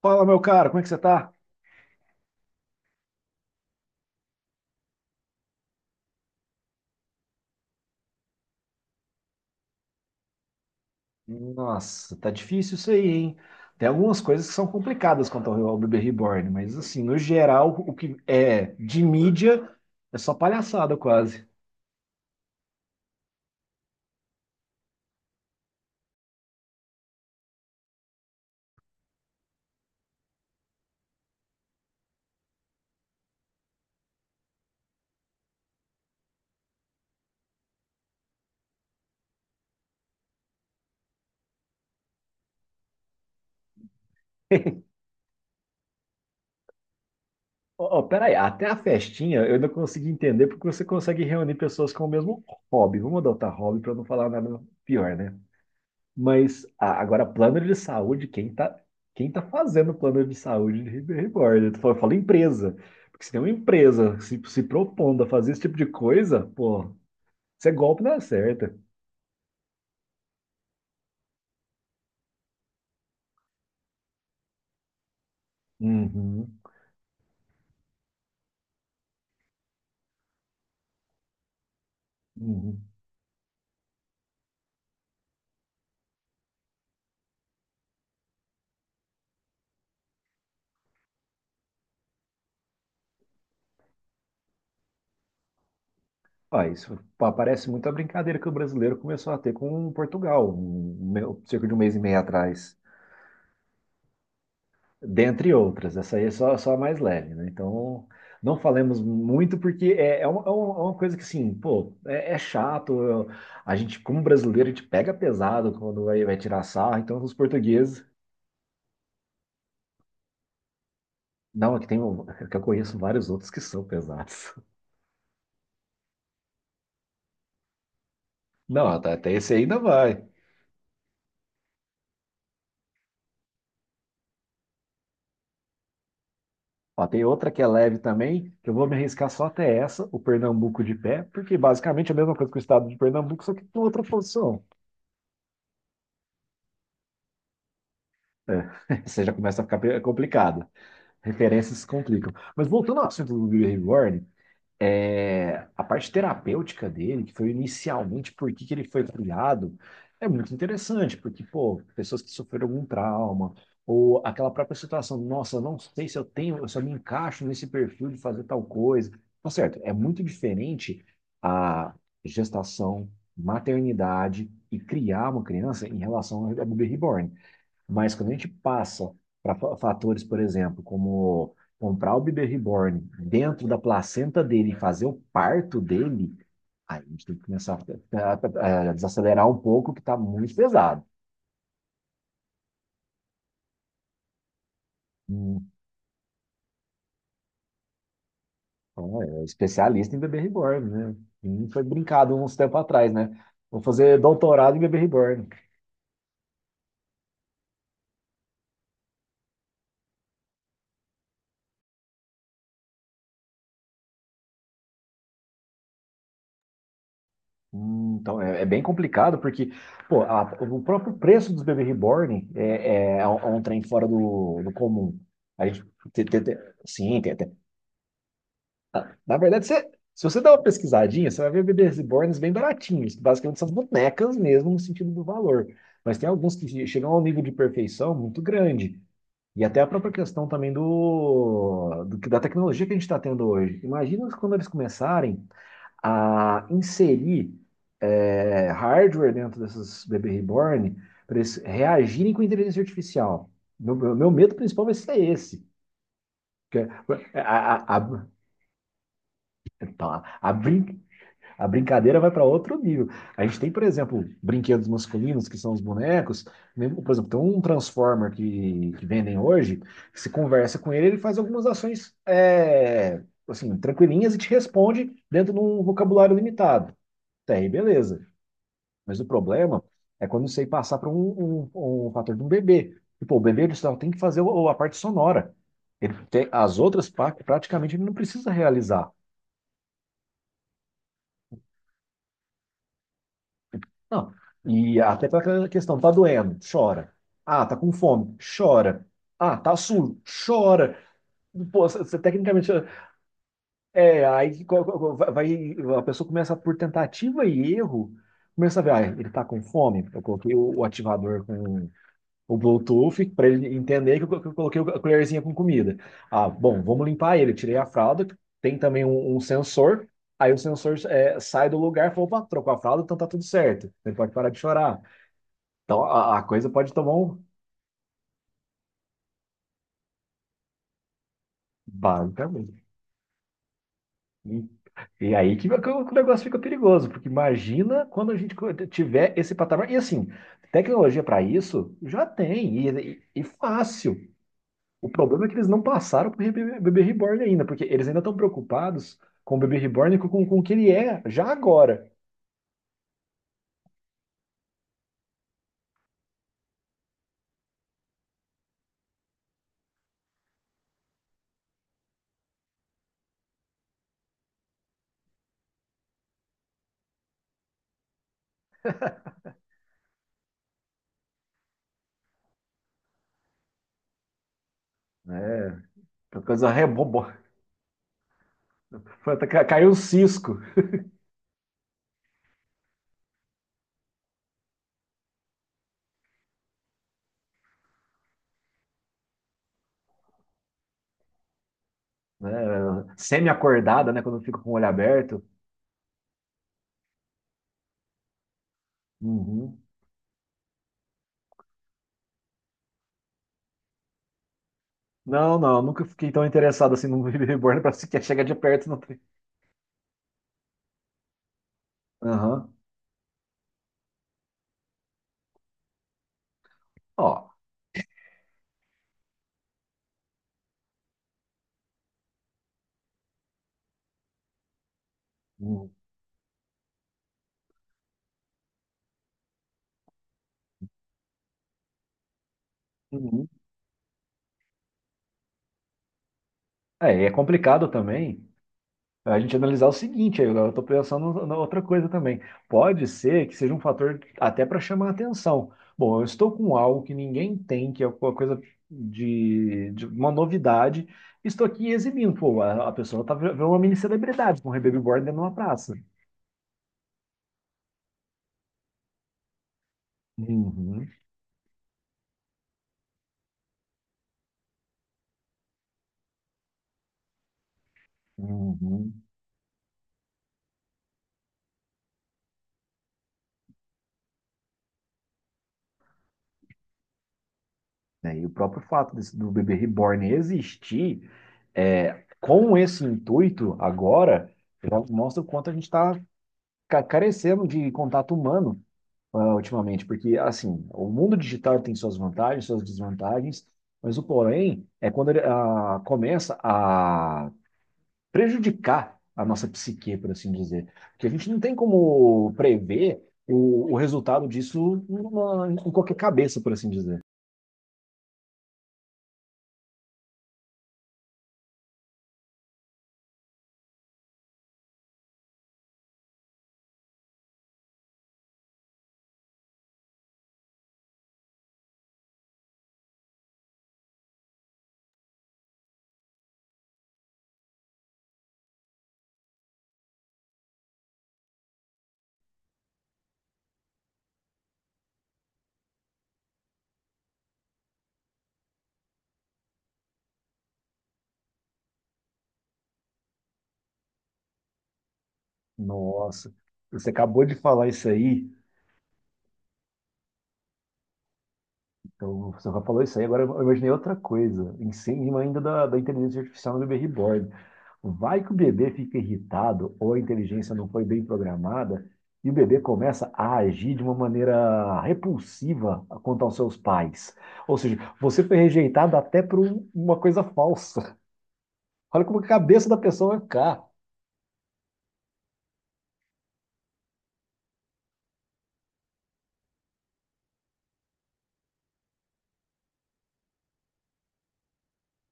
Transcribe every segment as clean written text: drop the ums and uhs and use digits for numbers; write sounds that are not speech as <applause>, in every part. Fala, meu caro, como é que você tá? Nossa, tá difícil isso aí, hein? Tem algumas coisas que são complicadas quanto ao bebê reborn, mas assim, no geral, o que é de mídia é só palhaçada quase. <laughs> Oh, peraí, até a festinha eu ainda consegui entender porque você consegue reunir pessoas com o mesmo hobby. Vamos adotar hobby para não falar nada pior, né? Mas agora, plano de saúde, quem tá fazendo plano de saúde de Ribeirão Reborn? Eu falo empresa. Porque se tem uma empresa se propondo a fazer esse tipo de coisa, pô, isso é golpe na certa. Uhum, uhum. Ah, parece muito a brincadeira que o brasileiro começou a ter com Portugal, cerca de um mês e meio atrás. Dentre outras. Essa aí é só a mais leve, né? Então, não falemos muito, porque é uma coisa que, assim, pô, é chato. A gente, como brasileiro, a gente pega pesado quando vai tirar sarro. Então, os portugueses. Não, é que tem um, é que eu conheço vários outros que são pesados. <laughs> Não, até esse ainda vai. Ó, tem outra que é leve também, que eu vou me arriscar só até essa, o Pernambuco de pé, porque basicamente é a mesma coisa que o estado de Pernambuco, só que com outra função. É, <laughs> você já começa a ficar complicado. Referências complicam. Mas voltando ao assunto do Bill Reborn, a parte terapêutica dele, que foi inicialmente por que que ele foi criado, é muito interessante, porque, pô, pessoas que sofreram algum trauma, ou aquela própria situação, nossa, eu não sei se eu tenho, se eu me encaixo nesse perfil de fazer tal coisa. Tá certo, é muito diferente a gestação, maternidade e criar uma criança em relação ao Baby Reborn. Mas quando a gente passa para fatores, por exemplo, como comprar o bebê reborn dentro da placenta dele e fazer o parto dele, aí a gente tem que começar a desacelerar um pouco, que está muito pesado. Hum. Então, é é especialista em bebê reborn, né? E foi brincado uns tempos atrás, né? Vou fazer doutorado em bebê reborn. Hum. Então é bem complicado porque pô, o próprio preço dos bebês reborn é um trem fora do, do comum. A gente te- te- te- sim, tem até. Na verdade, se você dá uma pesquisadinha, você vai ver bebês reborns bem baratinhos, que basicamente são bonecas mesmo no sentido do valor. Mas tem alguns que chegam a um nível de perfeição muito grande. E até a própria questão também da tecnologia que a gente está tendo hoje. Imagina quando eles começarem a inserir hardware dentro dessas bebê reborn para eles reagirem com inteligência artificial. Meu medo principal vai ser esse. A, a, a, tá, a brincadeira vai para outro nível. A gente tem, por exemplo, brinquedos masculinos, que são os bonecos. Né? Por exemplo, tem um Transformer que vendem hoje, que se conversa com ele, ele faz algumas ações assim, tranquilinhas e te responde dentro de um vocabulário limitado. Até aí, beleza. Mas o problema é quando você passar para um fator de um bebê. Tipo, o bebê ele só tem que fazer a parte sonora. Ele tem, as outras partes praticamente ele não precisa realizar. Não. E até para aquela questão, tá doendo, chora. Ah, tá com fome, chora. Ah, tá sujo, chora. Pô, você tecnicamente. É, aí que a pessoa começa por tentativa e erro, começa a ver, ah, ele tá com fome, eu coloquei o ativador com o Bluetooth para ele entender que eu coloquei a colherzinha com comida. Ah, bom, vamos limpar ele. Tirei a fralda, tem também um sensor. Aí o sensor sai do lugar e fala, opa, trocou a fralda, então tá tudo certo. Ele pode parar de chorar. Então a coisa pode tomar um basicamente. E, e aí que o que o negócio fica perigoso, porque imagina quando a gente tiver esse patamar. E assim, tecnologia para isso já tem, e fácil. O problema é que eles não passaram pro Bebê Reborn ainda, porque eles ainda estão preocupados com o Bebê Reborn e o que ele é já agora. Né? Uma coisa rebobo. <laughs> Foi até que caiu um cisco, né? Semi-acordada, né? Quando fica com o olho aberto. Uhum. Não, não, eu nunca fiquei tão interessado assim no <laughs> Bebê Reborn pra sequer chegar de perto. Não. Tem. Aham. Ó. Uhum. Uhum. É, é complicado também. A gente analisar o seguinte, aí eu estou pensando na outra coisa também. Pode ser que seja um fator até para chamar a atenção. Bom, eu estou com algo que ninguém tem, que é uma coisa de uma novidade. Estou aqui exibindo. Pô, a pessoa tá virando uma mini celebridade com o bebê reborn dentro de uma praça. Uhum, uhum. É, e o próprio fato do bebê reborn existir, é, com esse intuito agora, já mostra o quanto a gente está carecendo de contato humano. Ultimamente, porque assim, o mundo digital tem suas vantagens, suas desvantagens, mas o porém é quando ele começa a prejudicar a nossa psique, por assim dizer, porque a gente não tem como prever o resultado disso em qualquer cabeça, por assim dizer. Nossa, você acabou de falar isso aí. Então, você já falou isso aí, agora eu imaginei outra coisa, em cima ainda da inteligência artificial no bebê reborn. Vai que o bebê fica irritado ou a inteligência não foi bem programada e o bebê começa a agir de uma maneira repulsiva quanto aos seus pais. Ou seja, você foi rejeitado até por uma coisa falsa. Olha como a cabeça da pessoa vai ficar.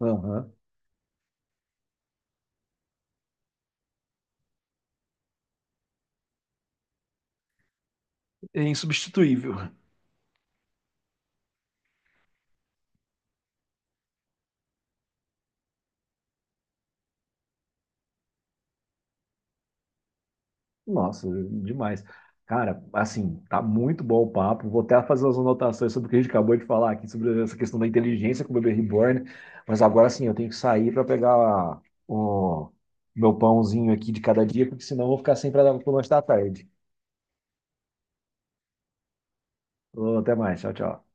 Aham. É insubstituível. Nossa, demais. Cara, assim, tá muito bom o papo. Vou até fazer as anotações sobre o que a gente acabou de falar aqui, sobre essa questão da inteligência com o bebê reborn. Mas agora sim, eu tenho que sair para pegar o meu pãozinho aqui de cada dia, porque senão eu vou ficar sem para o lanche da tarde. Ô, até mais, tchau, tchau.